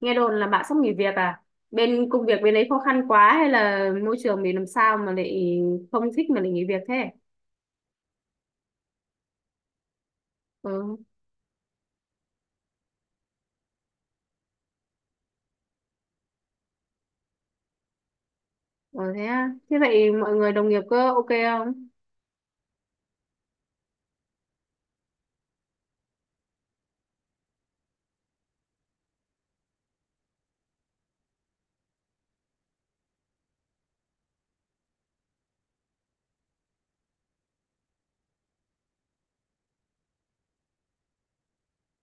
Nghe đồn là bạn sắp nghỉ việc à? Bên công việc bên đấy khó khăn quá hay là môi trường mình làm sao mà lại không thích mà lại nghỉ việc thế? Ừ. Ừ thế à? Thế vậy mọi người đồng nghiệp có ok không?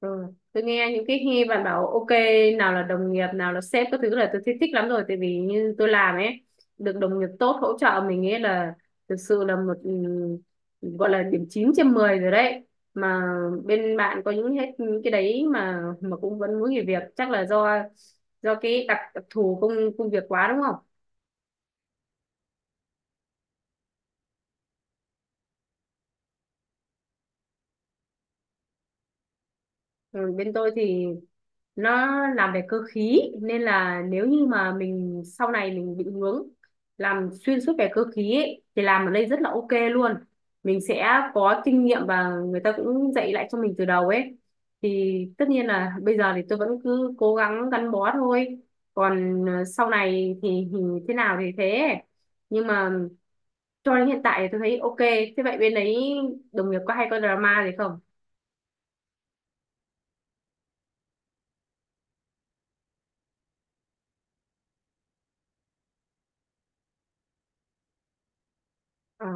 Rồi, tôi nghe những cái khi bạn bảo ok, nào là đồng nghiệp, nào là sếp các thứ là tôi thích, thích lắm rồi. Tại vì như tôi làm ấy, được đồng nghiệp tốt hỗ trợ mình ấy là thực sự là một gọi là điểm 9/10 rồi đấy. Mà bên bạn có những hết những cái đấy mà cũng vẫn muốn nghỉ việc, chắc là do cái đặc thù công công việc quá đúng. Ừ, bên tôi thì nó làm về cơ khí nên là nếu như mà mình sau này mình định hướng làm xuyên suốt về cơ khí ấy, thì làm ở đây rất là ok luôn. Mình sẽ có kinh nghiệm và người ta cũng dạy lại cho mình từ đầu ấy, thì tất nhiên là bây giờ thì tôi vẫn cứ cố gắng gắn bó thôi. Còn sau này thì thế nào thì thế, nhưng mà cho đến hiện tại thì tôi thấy ok. Thế vậy bên đấy đồng nghiệp có hay có drama gì không? Ờ.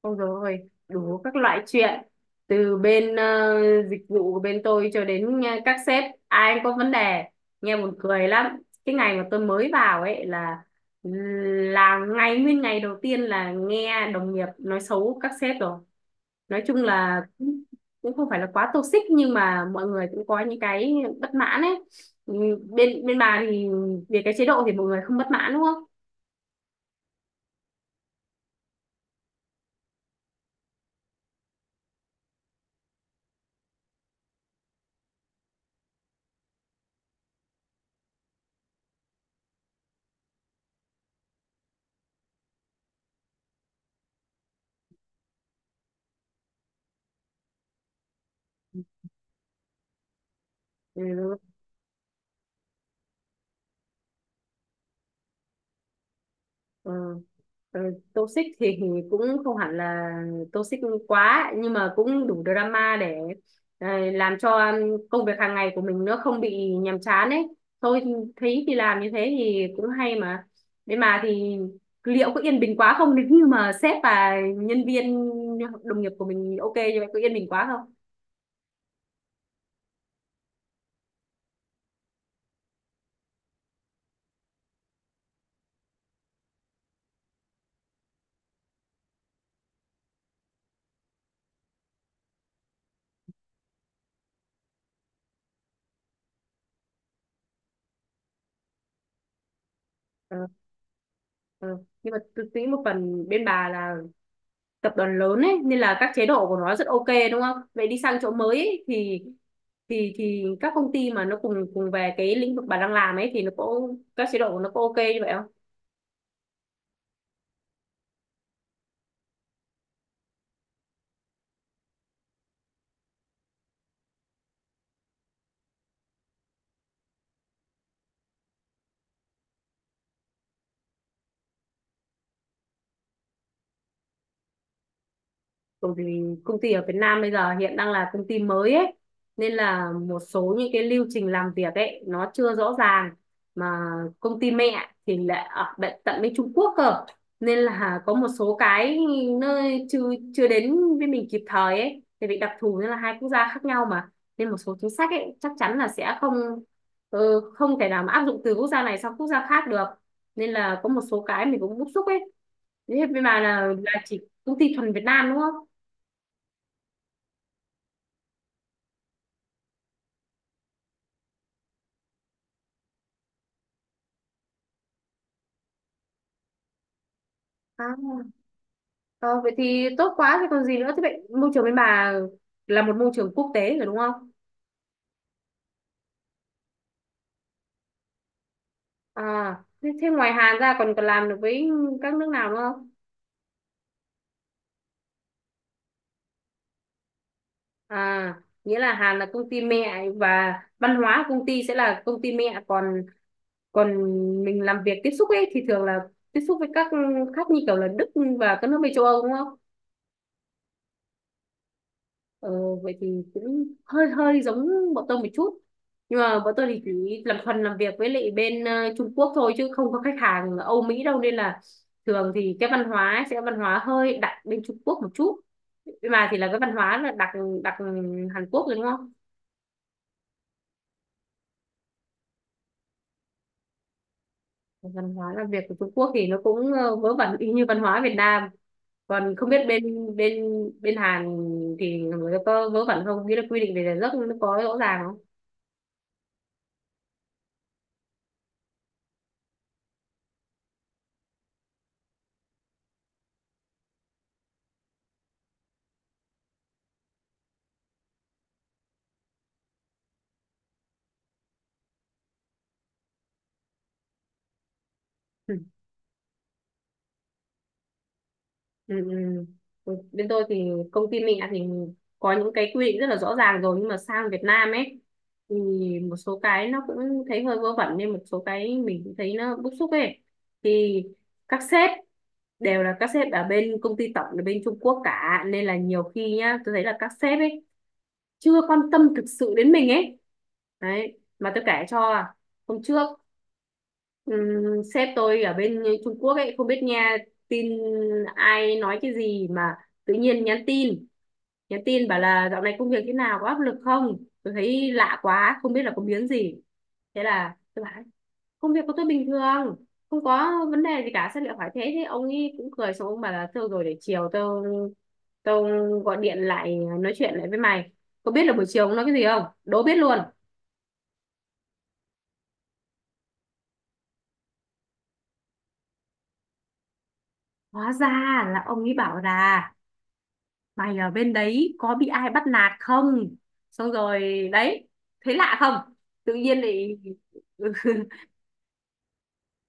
Ôi dồi ôi, đủ các loại chuyện, từ bên dịch vụ của bên tôi cho đến các sếp ai cũng có vấn đề. Nghe buồn cười lắm, cái ngày mà tôi mới vào ấy là ngày nguyên ngày đầu tiên là nghe đồng nghiệp nói xấu các sếp rồi. Nói chung là cũng cũng không phải là quá toxic, nhưng mà mọi người cũng có những cái bất mãn ấy. Ừ, bên bên bà thì về cái chế độ thì mọi người không bất mãn đúng không? Ừ. Ờ, ờ, toxic thì cũng không hẳn là toxic quá, nhưng mà cũng đủ drama để làm cho công việc hàng ngày của mình nó không bị nhàm chán ấy. Tôi thấy thì làm như thế thì cũng hay mà, nhưng mà thì liệu có yên bình quá không nếu như mà sếp và nhân viên đồng nghiệp của mình ok như vậy, có yên bình quá không? Ờ, ờ. Nhưng mà tôi nghĩ một phần bên bà là tập đoàn lớn ấy nên là các chế độ của nó rất ok đúng không? Vậy đi sang chỗ mới ấy, thì thì các công ty mà nó cùng cùng về cái lĩnh vực bà đang làm ấy thì nó có các chế độ của nó có ok như vậy không? Bởi vì công ty ở Việt Nam bây giờ hiện đang là công ty mới ấy, nên là một số những cái lưu trình làm việc ấy nó chưa rõ ràng. Mà công ty mẹ thì lại ở bệ- tận bên Trung Quốc cơ, nên là có một số cái nơi chưa chưa đến với mình kịp thời ấy, thì bị đặc thù nên là hai quốc gia khác nhau mà, nên một số chính sách ấy chắc chắn là sẽ không không thể nào mà áp dụng từ quốc gia này sang quốc gia khác được, nên là có một số cái mình cũng bức xúc ấy. Thế bên bà là chỉ công ty thuần Việt Nam đúng không? À, ờ, vậy thì tốt quá thì còn gì nữa. Thế vậy môi trường bên bà là một môi trường quốc tế rồi đúng không? À thế, thế ngoài Hàn ra còn còn làm được với các nước nào nữa không? À nghĩa là Hàn là công ty mẹ và văn hóa công ty sẽ là công ty mẹ, còn còn mình làm việc tiếp xúc ấy thì thường là tiếp xúc với các khác như kiểu là Đức và các nước bên châu Âu đúng không? Ờ, vậy thì cũng hơi hơi giống bọn tôi một chút, nhưng mà bọn tôi thì chỉ làm phần làm việc với lại bên Trung Quốc thôi chứ không có khách hàng Âu Mỹ đâu, nên là thường thì cái văn hóa ấy sẽ văn hóa hơi đặc bên Trung Quốc một chút, nhưng mà thì là cái văn hóa là đặc đặc Hàn Quốc rồi đúng không? Văn hóa làm việc của Trung Quốc thì nó cũng vớ vẩn y như văn hóa Việt Nam. Còn không biết bên bên bên Hàn thì người có vớ vẩn không, nghĩa là quy định về giờ giấc nó có rõ ràng không? Ừ, ừ. Ừ, bên tôi thì công ty mẹ thì có những cái quy định rất là rõ ràng rồi, nhưng mà sang Việt Nam ấy thì một số cái nó cũng thấy hơi vớ vẩn, nên một số cái mình cũng thấy nó bức xúc ấy. Thì các sếp đều là các sếp ở bên công ty tổng là bên Trung Quốc cả, nên là nhiều khi nhá tôi thấy là các sếp ấy chưa quan tâm thực sự đến mình ấy. Đấy mà tôi kể cho hôm trước, sếp tôi ở bên Trung Quốc ấy không biết nghe tin ai nói cái gì mà tự nhiên nhắn tin, bảo là dạo này công việc thế nào, có áp lực không. Tôi thấy lạ quá, không biết là có biến gì. Thế là tôi bảo công việc của tôi bình thường, không có vấn đề gì cả, sao lại hỏi thế? Thế ông ấy cũng cười, xong ông bảo là thôi rồi, để chiều tôi tôi gọi điện lại nói chuyện lại với mày. Có biết là buổi chiều ông nói cái gì không, đố biết luôn. Hóa ra là ông ấy bảo là mày ở bên đấy có bị ai bắt nạt không. Xong rồi đấy, thấy lạ không, tự nhiên lại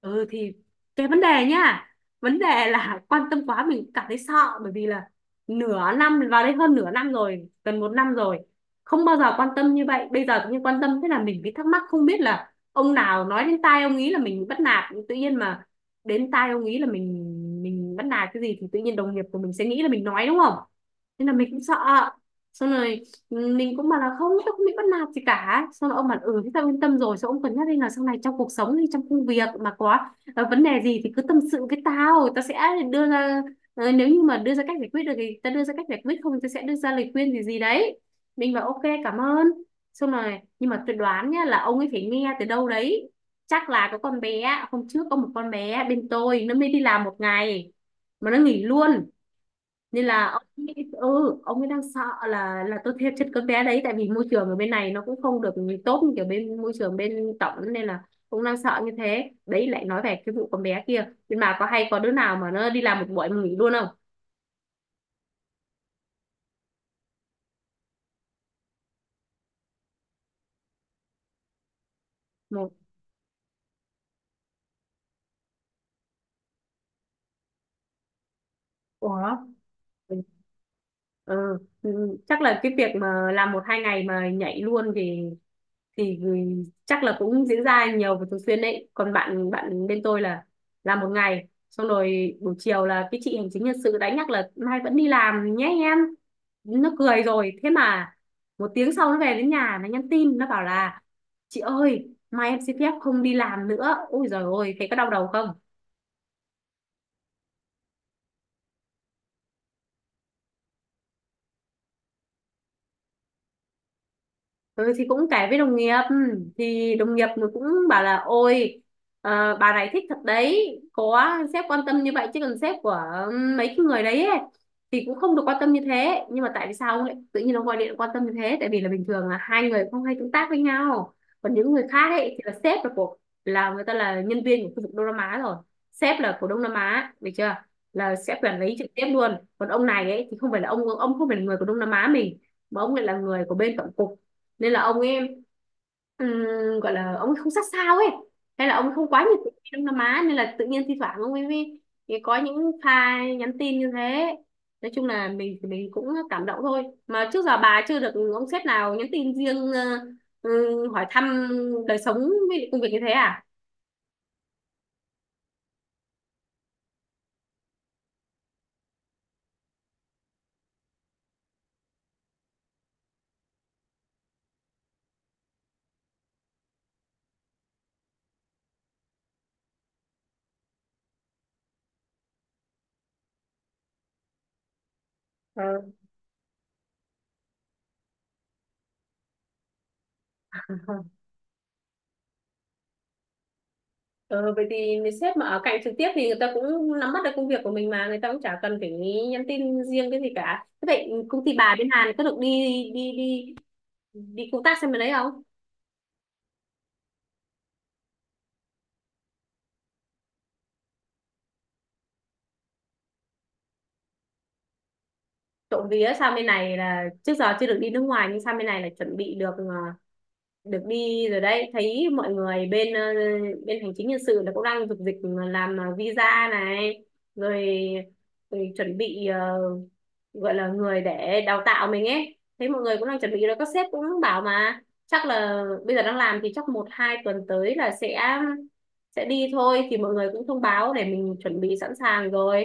ừ thì cái vấn đề nhá, vấn đề là quan tâm quá mình cảm thấy sợ. Bởi vì là nửa năm vào đây, hơn nửa năm rồi, gần một năm rồi không bao giờ quan tâm như vậy, bây giờ tự nhiên quan tâm thế là mình bị thắc mắc, không biết là ông nào nói đến tai ông ý là mình bắt nạt. Tự nhiên mà đến tai ông ý là mình bắt nạt cái gì, thì tự nhiên đồng nghiệp của mình sẽ nghĩ là mình nói đúng không, thế là mình cũng sợ. Xong rồi mình cũng bảo là không, tôi không bị bắt nạt gì cả. Xong rồi ông bảo ừ thế tao yên tâm rồi. Xong ông cân nhắc đi là sau này trong cuộc sống hay trong công việc mà có vấn đề gì thì cứ tâm sự với tao, tao sẽ đưa ra nếu như mà đưa ra cách giải quyết được thì tao đưa ra cách giải quyết, không thì tao sẽ đưa ra lời khuyên gì gì đấy. Mình bảo ok cảm ơn. Xong rồi, nhưng mà tôi đoán nhá là ông ấy phải nghe từ đâu đấy. Chắc là có con bé hôm trước, có một con bé bên tôi nó mới đi làm một ngày mà nó nghỉ luôn, nên là ông ấy, ừ ông ấy đang sợ là tôi thêm chất cấm bé đấy, tại vì môi trường ở bên này nó cũng không được tốt như kiểu bên môi trường bên tổng, nên là cũng đang sợ như thế đấy. Lại nói về cái vụ con bé kia, nhưng mà có hay có đứa nào mà nó đi làm một buổi mà nghỉ luôn không một? Ủa? Ừ. Ừ. Chắc là cái việc mà làm một hai ngày mà nhảy luôn thì ừ, chắc là cũng diễn ra nhiều và thường xuyên đấy. Còn bạn bạn bên tôi là làm một ngày, xong rồi buổi chiều là cái chị hành chính nhân sự đánh nhắc là mai vẫn đi làm nhé em, nó cười rồi. Thế mà một tiếng sau nó về đến nhà nó nhắn tin, nó bảo là chị ơi mai em xin phép không đi làm nữa. Ôi giời ôi, thấy có đau đầu không? Ừ, thì cũng kể với đồng nghiệp. Ừ, thì đồng nghiệp nó cũng bảo là ôi bà này thích thật đấy, có sếp quan tâm như vậy, chứ còn sếp của mấy cái người đấy ấy thì cũng không được quan tâm như thế. Nhưng mà tại vì sao ông lại tự nhiên ông gọi điện quan tâm như thế, tại vì là bình thường là hai người không hay tương tác với nhau. Còn những người khác ấy thì là sếp là là người ta là nhân viên của khu vực Đông Nam Á rồi, sếp là của Đông Nam Á được chưa, là sẽ quản lý trực tiếp luôn. Còn ông này ấy thì không phải là ông không phải là người của Đông Nam Á mình, mà ông lại là người của bên tổng cục, nên là ông ấy ừm, gọi là ông ấy không sát sao ấy, hay là ông ấy không quá nhiệt tình với Đông Nam Á, nên là tự nhiên thi thoảng ông ấy mới mới có những pha nhắn tin như thế. Nói chung là mình thì mình cũng cảm động thôi mà, trước giờ bà chưa được ông sếp nào nhắn tin riêng hỏi thăm đời sống với lại công việc như thế à? Ờ. Ờ, vậy thì sếp mà ở cạnh trực tiếp thì người ta cũng nắm bắt được công việc của mình mà người ta cũng chả cần phải nhắn tin riêng cái gì cả. Thế vậy công ty bà bên Hàn có được đi đi đi đi công tác sang bên đấy không? Trộm vía, sang bên này là trước giờ chưa được đi nước ngoài, nhưng sang bên này là chuẩn bị được được đi rồi đấy. Thấy mọi người bên bên hành chính nhân sự là cũng đang dục dịch làm visa này rồi, chuẩn bị gọi là người để đào tạo mình ấy. Thấy mọi người cũng đang chuẩn bị rồi, các sếp cũng bảo mà chắc là bây giờ đang làm thì chắc một hai tuần tới là sẽ đi thôi. Thì mọi người cũng thông báo để mình chuẩn bị sẵn sàng rồi,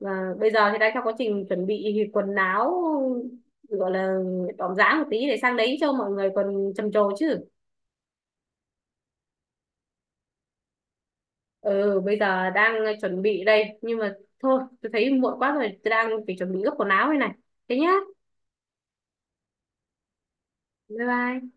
và bây giờ thì đang trong quá trình chuẩn bị quần áo, gọi là đỏm dáng một tí để sang đấy cho mọi người còn trầm trồ chứ. Ừ bây giờ đang chuẩn bị đây, nhưng mà thôi tôi thấy muộn quá rồi, tôi đang phải chuẩn bị gấp quần áo đây này. Thế nhá, bye bye